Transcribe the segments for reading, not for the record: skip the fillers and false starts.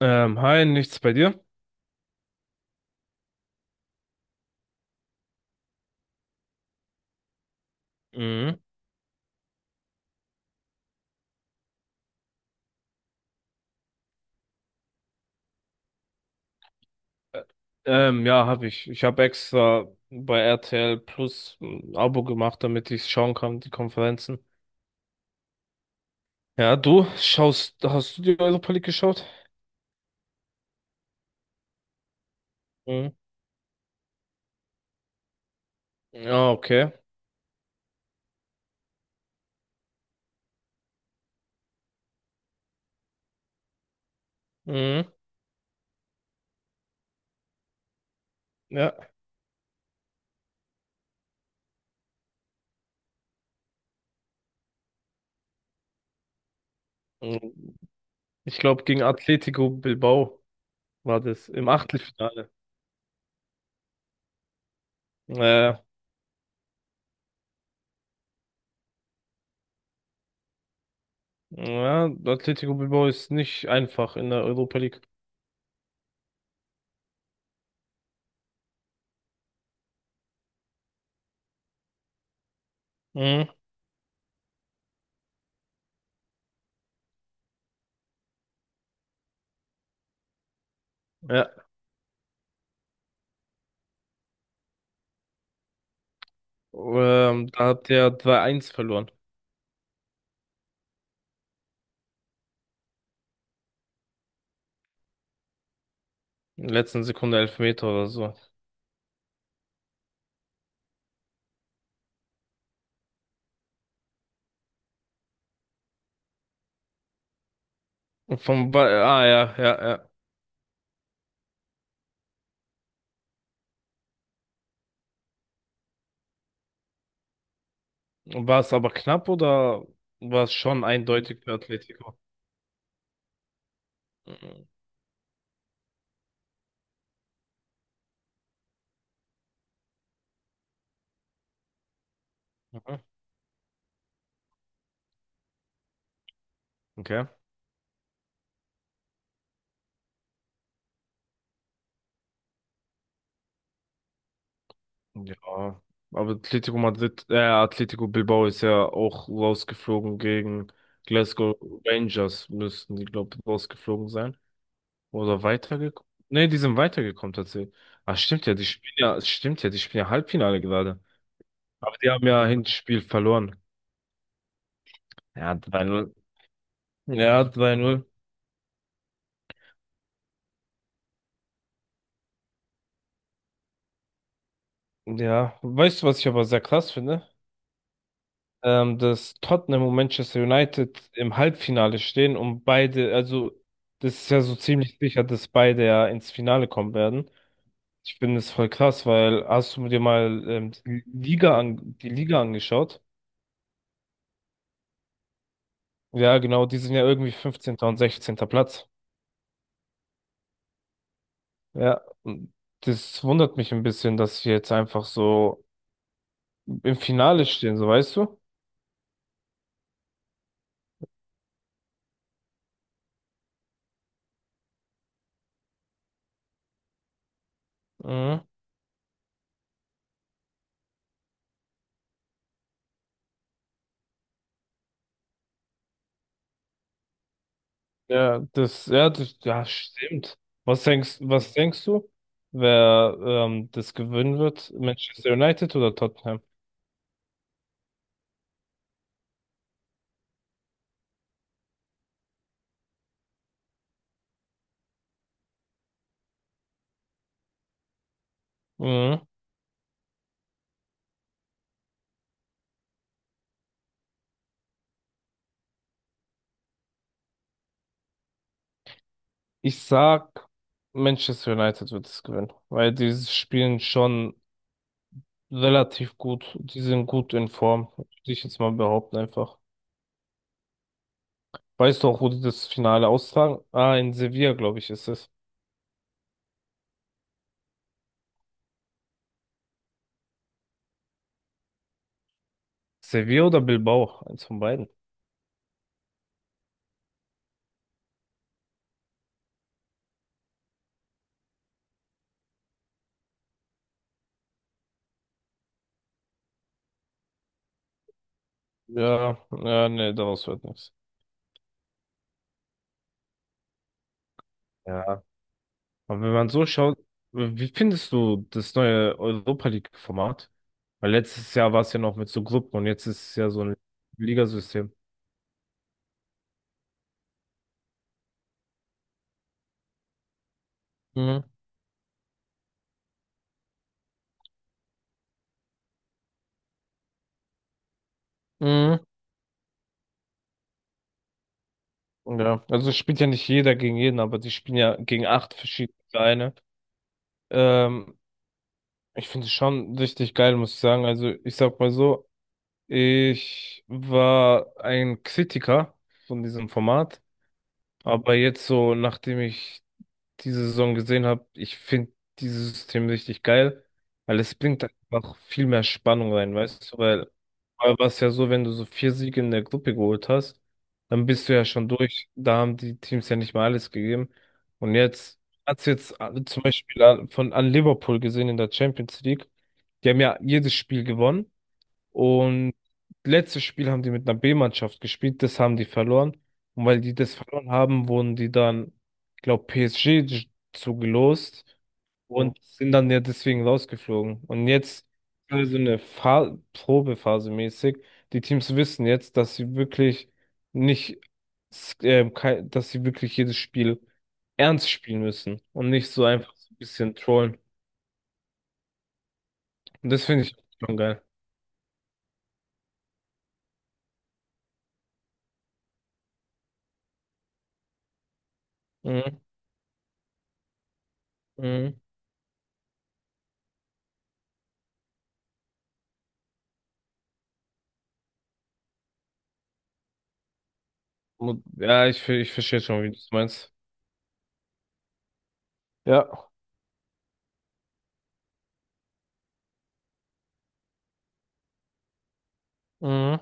Hi, nichts bei dir? Mhm. Ja, habe ich. Ich habe extra bei RTL Plus ein Abo gemacht, damit ich schauen kann, die Konferenzen. Ja, du schaust, hast du die Europa League geschaut? Mhm. Ja, okay. Mhm. Ja. Mhm. Ich glaube, gegen Atletico Bilbao war das im Achtelfinale. Äh, ja, Atletico Bilbao ist nicht einfach in der Europa League. Mhm. Ja. Da hat der 3-1 verloren. In der letzten Sekunde Elfmeter oder so. Vom ba ah ja, ja, ja. War es aber knapp oder war es schon eindeutig für Atletico? Mhm. Okay. Ja, aber Atletico Madrid, Atletico Bilbao ist ja auch rausgeflogen gegen Glasgow Rangers, müssten die, glaube ich, rausgeflogen sein. Oder weitergekommen. Nee, die sind weitergekommen tatsächlich. Ah, stimmt ja, die spielen ja, stimmt ja, die spielen ja Halbfinale gerade. Aber die haben ja Hinspiel verloren. Ja, 3 null, ja, 3 null. Ja, weißt du, was ich aber sehr krass finde? Ähm, dass Tottenham und Manchester United im Halbfinale stehen und beide, also das ist ja so ziemlich sicher, dass beide ja ins Finale kommen werden. Ich finde es voll krass, weil hast du dir mal die Liga an, die Liga angeschaut? Ja, genau, die sind ja irgendwie 15. und 16. Platz. Ja, und das wundert mich ein bisschen, dass sie jetzt einfach so im Finale stehen, so weißt du? Mhm. Ja, das, ja, das, ja, stimmt. Was denkst du, wer das gewinnen wird? Manchester United oder Tottenham? Mhm. Ich sag, Manchester United wird es gewinnen, weil die spielen schon relativ gut. Die sind gut in Form, würde ich jetzt mal behaupten einfach. Weißt du auch, wo die das Finale austragen? Ah, in Sevilla, glaube ich, ist es. Sevilla oder Bilbao? Eins von beiden. Ja, ja, nee, daraus wird nichts. Ja, aber wenn man so schaut, wie findest du das neue Europa League-Format? Weil letztes Jahr war es ja noch mit so Gruppen und jetzt ist es ja so ein Ligasystem. Mhm. Mhm. Ja, also es spielt ja nicht jeder gegen jeden, aber die spielen ja gegen 8 verschiedene Vereine. Ähm, ich finde es schon richtig geil, muss ich sagen. Also ich sag mal so, ich war ein Kritiker von diesem Format, aber jetzt so, nachdem ich diese Saison gesehen habe, ich finde dieses System richtig geil, weil es bringt einfach viel mehr Spannung rein, weißt du? Weil vorher war es ja so, wenn du so 4 Siege in der Gruppe geholt hast, dann bist du ja schon durch. Da haben die Teams ja nicht mal alles gegeben. Und jetzt hat's jetzt zum Beispiel an, von an Liverpool gesehen in der Champions League. Die haben ja jedes Spiel gewonnen. Und letztes Spiel haben die mit einer B-Mannschaft gespielt, das haben die verloren. Und weil die das verloren haben, wurden die dann, glaube PSG zugelost. Mhm. Und sind dann ja deswegen rausgeflogen. Und jetzt so eine Fa Probephase mäßig. Die Teams wissen jetzt, dass sie wirklich nicht, s- kei- dass sie wirklich jedes Spiel ernst spielen müssen und nicht so einfach so ein bisschen trollen. Und das finde ich schon geil. Mhm. Mhm. Ja, ich verstehe schon, wie du es meinst. Ja, mhm.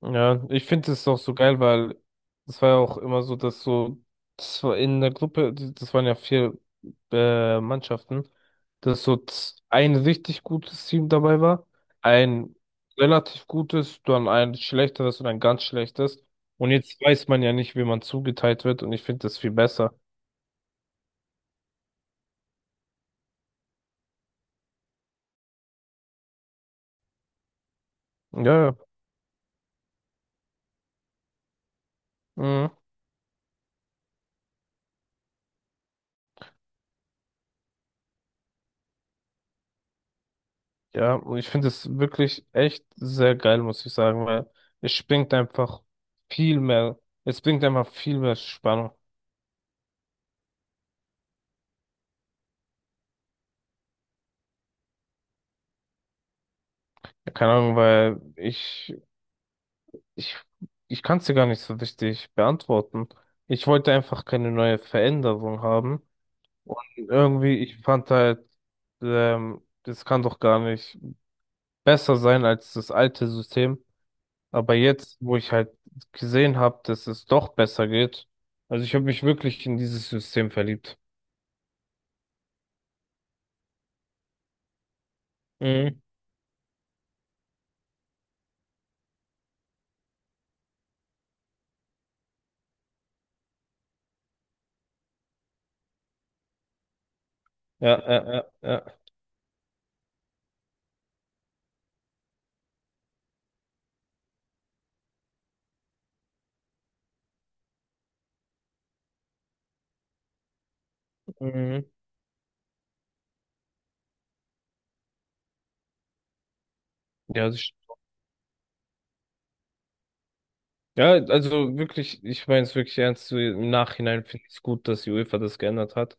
Ja, ich finde es auch so geil, weil es war ja auch immer so, dass so, das war in der Gruppe, das waren ja vier Mannschaften, dass so ein richtig gutes Team dabei war, ein relativ gutes, dann ein schlechteres und ein ganz schlechtes. Und jetzt weiß man ja nicht, wie man zugeteilt wird und ich finde das viel besser. Ja, ja. Ja, und ich finde es wirklich echt sehr geil, muss ich sagen, weil es bringt einfach viel mehr, es bringt einfach viel mehr Spannung. Ja, keine Ahnung, weil ich, ich kann es dir gar nicht so richtig beantworten. Ich wollte einfach keine neue Veränderung haben. Und irgendwie, ich fand halt, das kann doch gar nicht besser sein als das alte System. Aber jetzt, wo ich halt gesehen habe, dass es doch besser geht, also ich habe mich wirklich in dieses System verliebt. Mhm. Ja, ja, ja, ja. Mhm. Ja, das ist- ja, also wirklich, ich meine es wirklich ernst. So im Nachhinein finde ich es gut, dass die UEFA das geändert hat.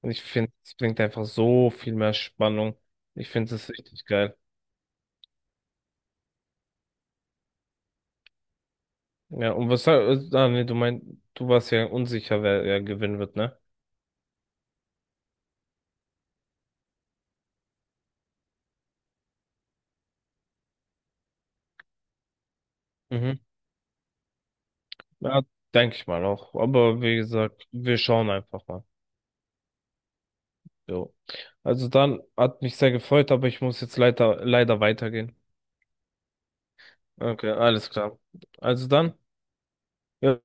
Und ich finde, es bringt einfach so viel mehr Spannung. Ich finde es richtig geil. Ja, und was, du meinst, du warst ja unsicher, wer, wer gewinnen wird, ne? Mhm. Ja, denke ich mal auch. Aber wie gesagt, wir schauen einfach mal. So. Also dann hat mich sehr gefreut, aber ich muss jetzt leider, leider weitergehen. Okay, alles klar. Also dann. Ja,